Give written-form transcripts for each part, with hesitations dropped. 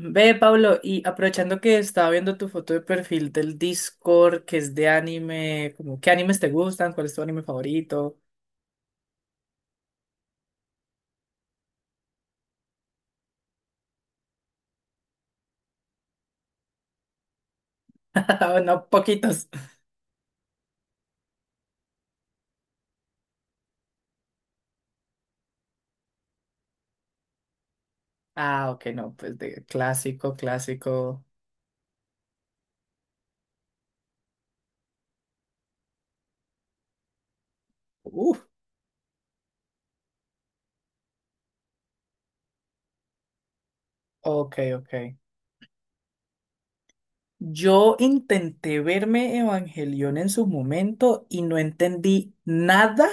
Ve, Pablo, y aprovechando que estaba viendo tu foto de perfil del Discord, que es de anime, como, ¿qué animes te gustan? ¿Cuál es tu anime favorito? No, poquitos. Ah, ok, no, pues de clásico, clásico. Uf, ok, ok. Yo intenté verme Evangelion en su momento y no entendí nada.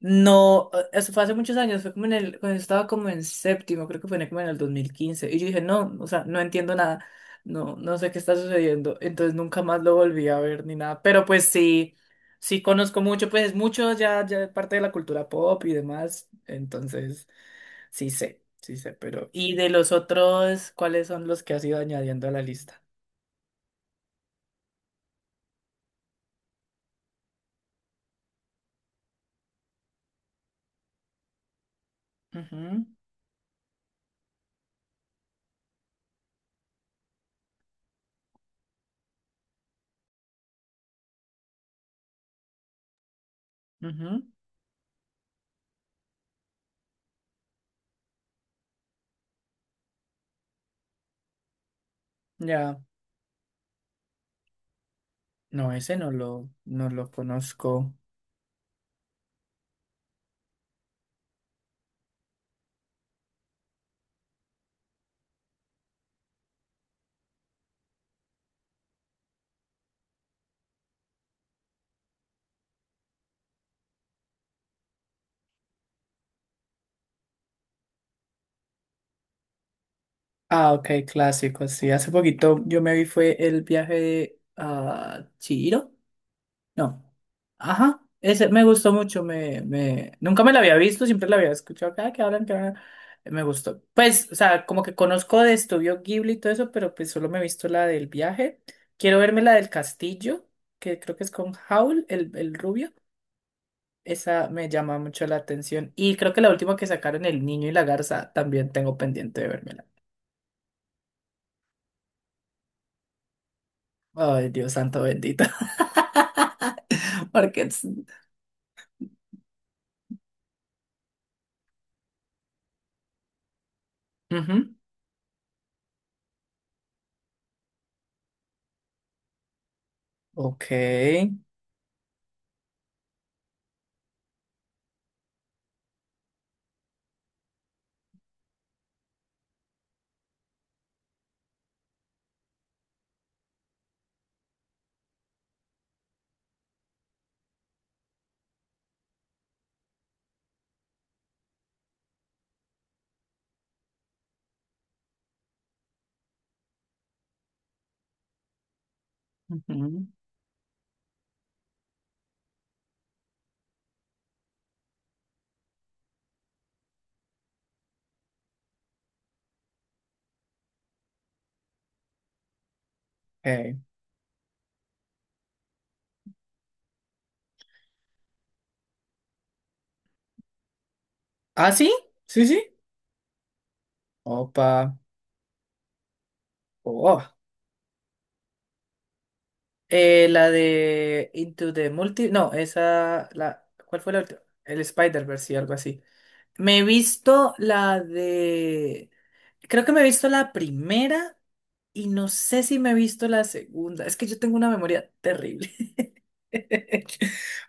No, eso fue hace muchos años, fue como en el, cuando estaba como en séptimo, creo que fue como en el 2015 y yo dije, no, o sea, no entiendo nada, no, no sé qué está sucediendo, entonces nunca más lo volví a ver ni nada, pero pues sí, sí conozco mucho, pues es mucho ya, ya de parte de la cultura pop y demás, entonces sí sé, pero, y de los otros, ¿cuáles son los que has ido añadiendo a la lista? Ujú, ujú. Ya, no, ese no lo conozco. Ah, ok, clásico, sí. Hace poquito yo me vi fue el viaje a Chihiro. No. Ajá. Ese me gustó mucho. Nunca me la había visto, siempre la había escuchado. Cada que hablan, que hablan. Me gustó. Pues, o sea, como que conozco de Estudio Ghibli y todo eso, pero pues solo me he visto la del viaje. Quiero verme la del castillo, que creo que es con Howl, el rubio. Esa me llama mucho la atención. Y creo que la última que sacaron, El niño y la garza, también tengo pendiente de vérmela. Ay, Dios santo bendito. Porque es... Ujú. Ok. Ujú. Ok. Ah, sí, sí, sí. Opa. Oh. La de Into the Multi. No, esa. La... ¿Cuál fue la última? El Spider-Verse y algo así. Me he visto la de. Creo que me he visto la primera y no sé si me he visto la segunda. Es que yo tengo una memoria terrible.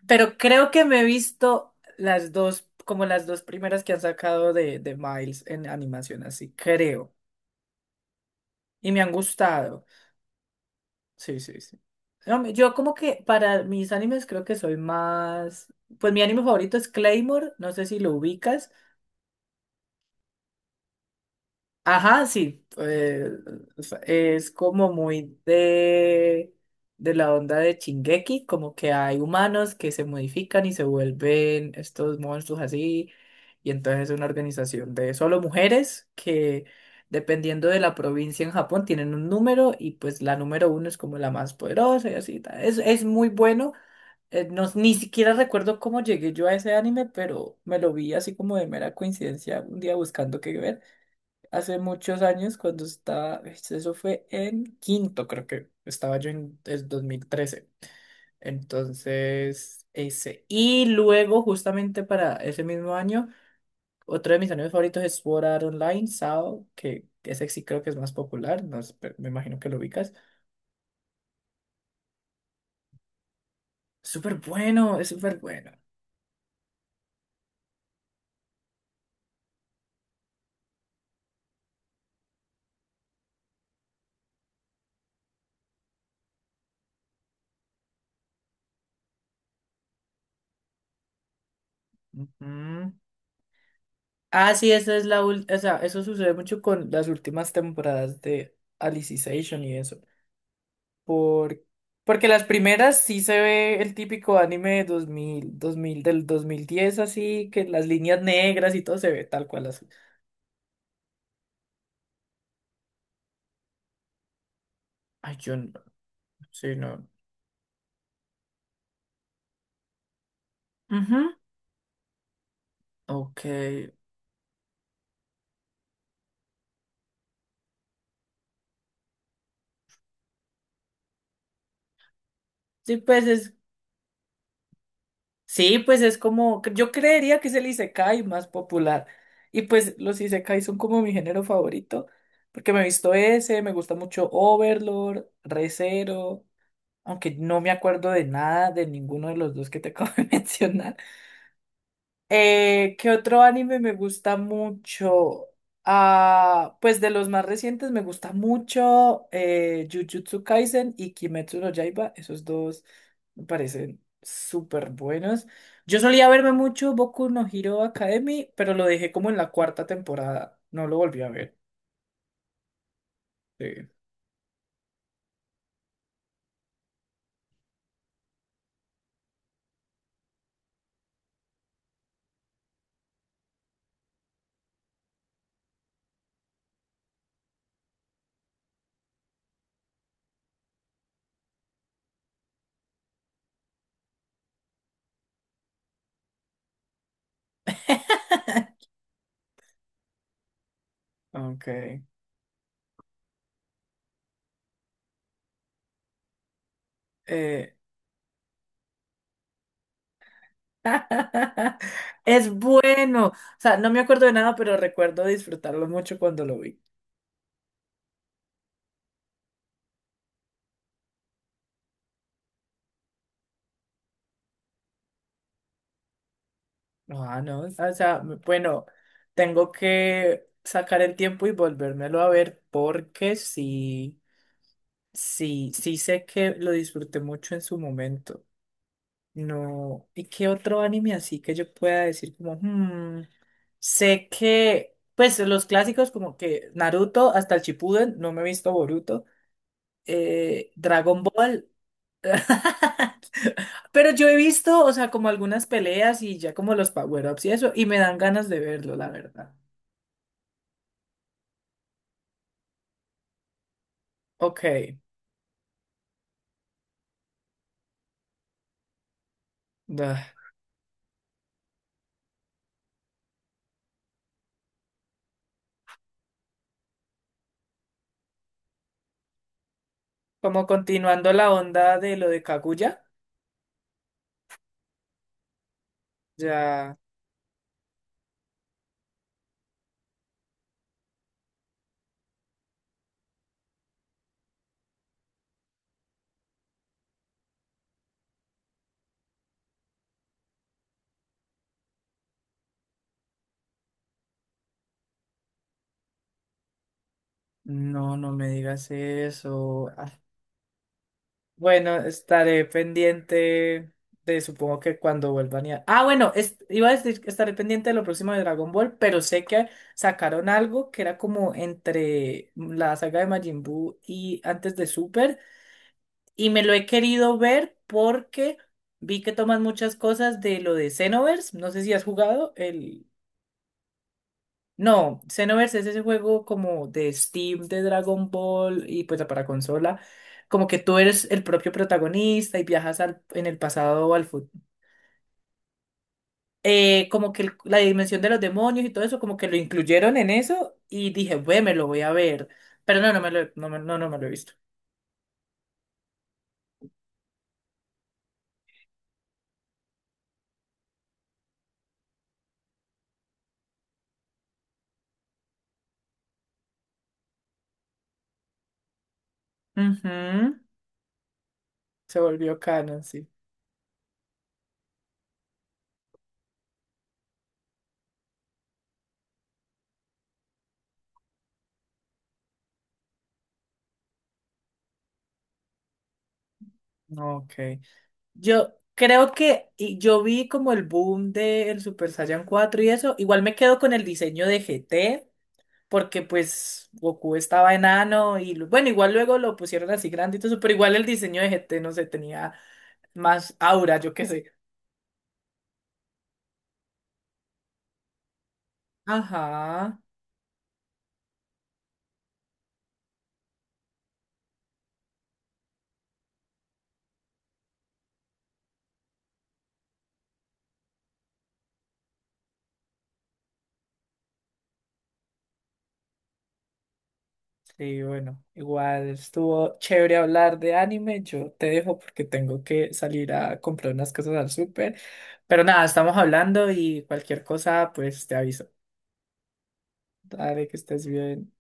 Pero creo que me he visto las dos, como las dos primeras que han sacado de, Miles en animación, así creo. Y me han gustado. Sí, sí, sí. No, yo como que para mis animes creo que soy más... Pues mi anime favorito es Claymore, no sé si lo ubicas. Ajá, sí, es como muy de la onda de Shingeki, como que hay humanos que se modifican y se vuelven estos monstruos así, y entonces es una organización de solo mujeres que dependiendo de la provincia en Japón tienen un número y pues la número uno es como la más poderosa y así, ta. Es muy bueno, no, ni siquiera recuerdo cómo llegué yo a ese anime, pero me lo vi así como de mera coincidencia un día buscando qué ver hace muchos años cuando estaba, eso fue en quinto, creo que estaba yo en el 2013. Entonces, ese. Y luego, justamente para ese mismo año, otro de mis animes favoritos es Sword Art Online, SAO, que ese sí creo que es más popular, no sé, pero me imagino que lo ubicas. Súper bueno, es súper bueno. Ujú. Ah, sí, esa es la o sea, eso sucede mucho con las últimas temporadas de Alicization y eso. Por, Porque las primeras sí se ve el típico anime de 2000 2000 del 2010 así que las líneas negras y todo se ve tal cual así. Ay, yo no, sí, no. Ujú. Ok. Sí, pues es, sí, pues es como, yo creería que es el isekai más popular. Y pues los isekai son como mi género favorito, porque me he visto ese, me gusta mucho Overlord, Re:Zero, aunque no me acuerdo de nada de ninguno de los dos que te acabo de mencionar. ¿Qué otro anime me gusta mucho? Ah, pues de los más recientes me gusta mucho, Jujutsu Kaisen y Kimetsu no Yaiba. Esos dos me parecen súper buenos. Yo solía verme mucho Boku no Hero Academy, pero lo dejé como en la cuarta temporada. No lo volví a ver. Sí. Ok. Eh, Es bueno. O sea, no me acuerdo de nada, pero recuerdo disfrutarlo mucho cuando lo vi. Ah, no, o sea, bueno, tengo que sacar el tiempo y volvérmelo a ver porque sí, sí, sí sé que lo disfruté mucho en su momento. No, ¿y qué otro anime así que yo pueda decir como, sé que, pues los clásicos como que Naruto hasta el Shippuden, no me he visto Boruto, Dragon Ball. Pero yo he visto, o sea, como algunas peleas y ya como los power-ups y eso, y me dan ganas de verlo, la verdad. Ok, da. Como continuando la onda de lo de Kaguya. Ya. No, no me digas eso. Ah, bueno, estaré pendiente de, supongo que cuando vuelvan a... Ah, bueno, iba a decir que estaré pendiente de lo próximo de Dragon Ball, pero sé que sacaron algo que era como entre la saga de Majin Buu y antes de Super, y me lo he querido ver porque vi que toman muchas cosas de lo de Xenoverse, no sé si has jugado el... No, Xenoverse es ese juego como de Steam, de Dragon Ball y pues para consola. Como que tú eres el propio protagonista y viajas en el pasado o al futuro. Como que la dimensión de los demonios y todo eso, como que lo incluyeron en eso y dije, bueno, me lo voy a ver. Pero no, no me lo, no, no, no me lo he visto. Ujú. Se volvió canon, sí. No. Ok. Yo creo que y yo vi como el boom del Super Saiyan 4 y eso. Igual me quedo con el diseño de GT, porque pues Goku estaba enano y bueno, igual luego lo pusieron así grande y todo eso, pero igual el diseño de GT no sé, tenía más aura, yo qué sé. Ajá. Sí, bueno, igual estuvo chévere hablar de anime. Yo te dejo porque tengo que salir a comprar unas cosas al súper. Pero nada, estamos hablando y cualquier cosa, pues te aviso. Dale, que estés bien.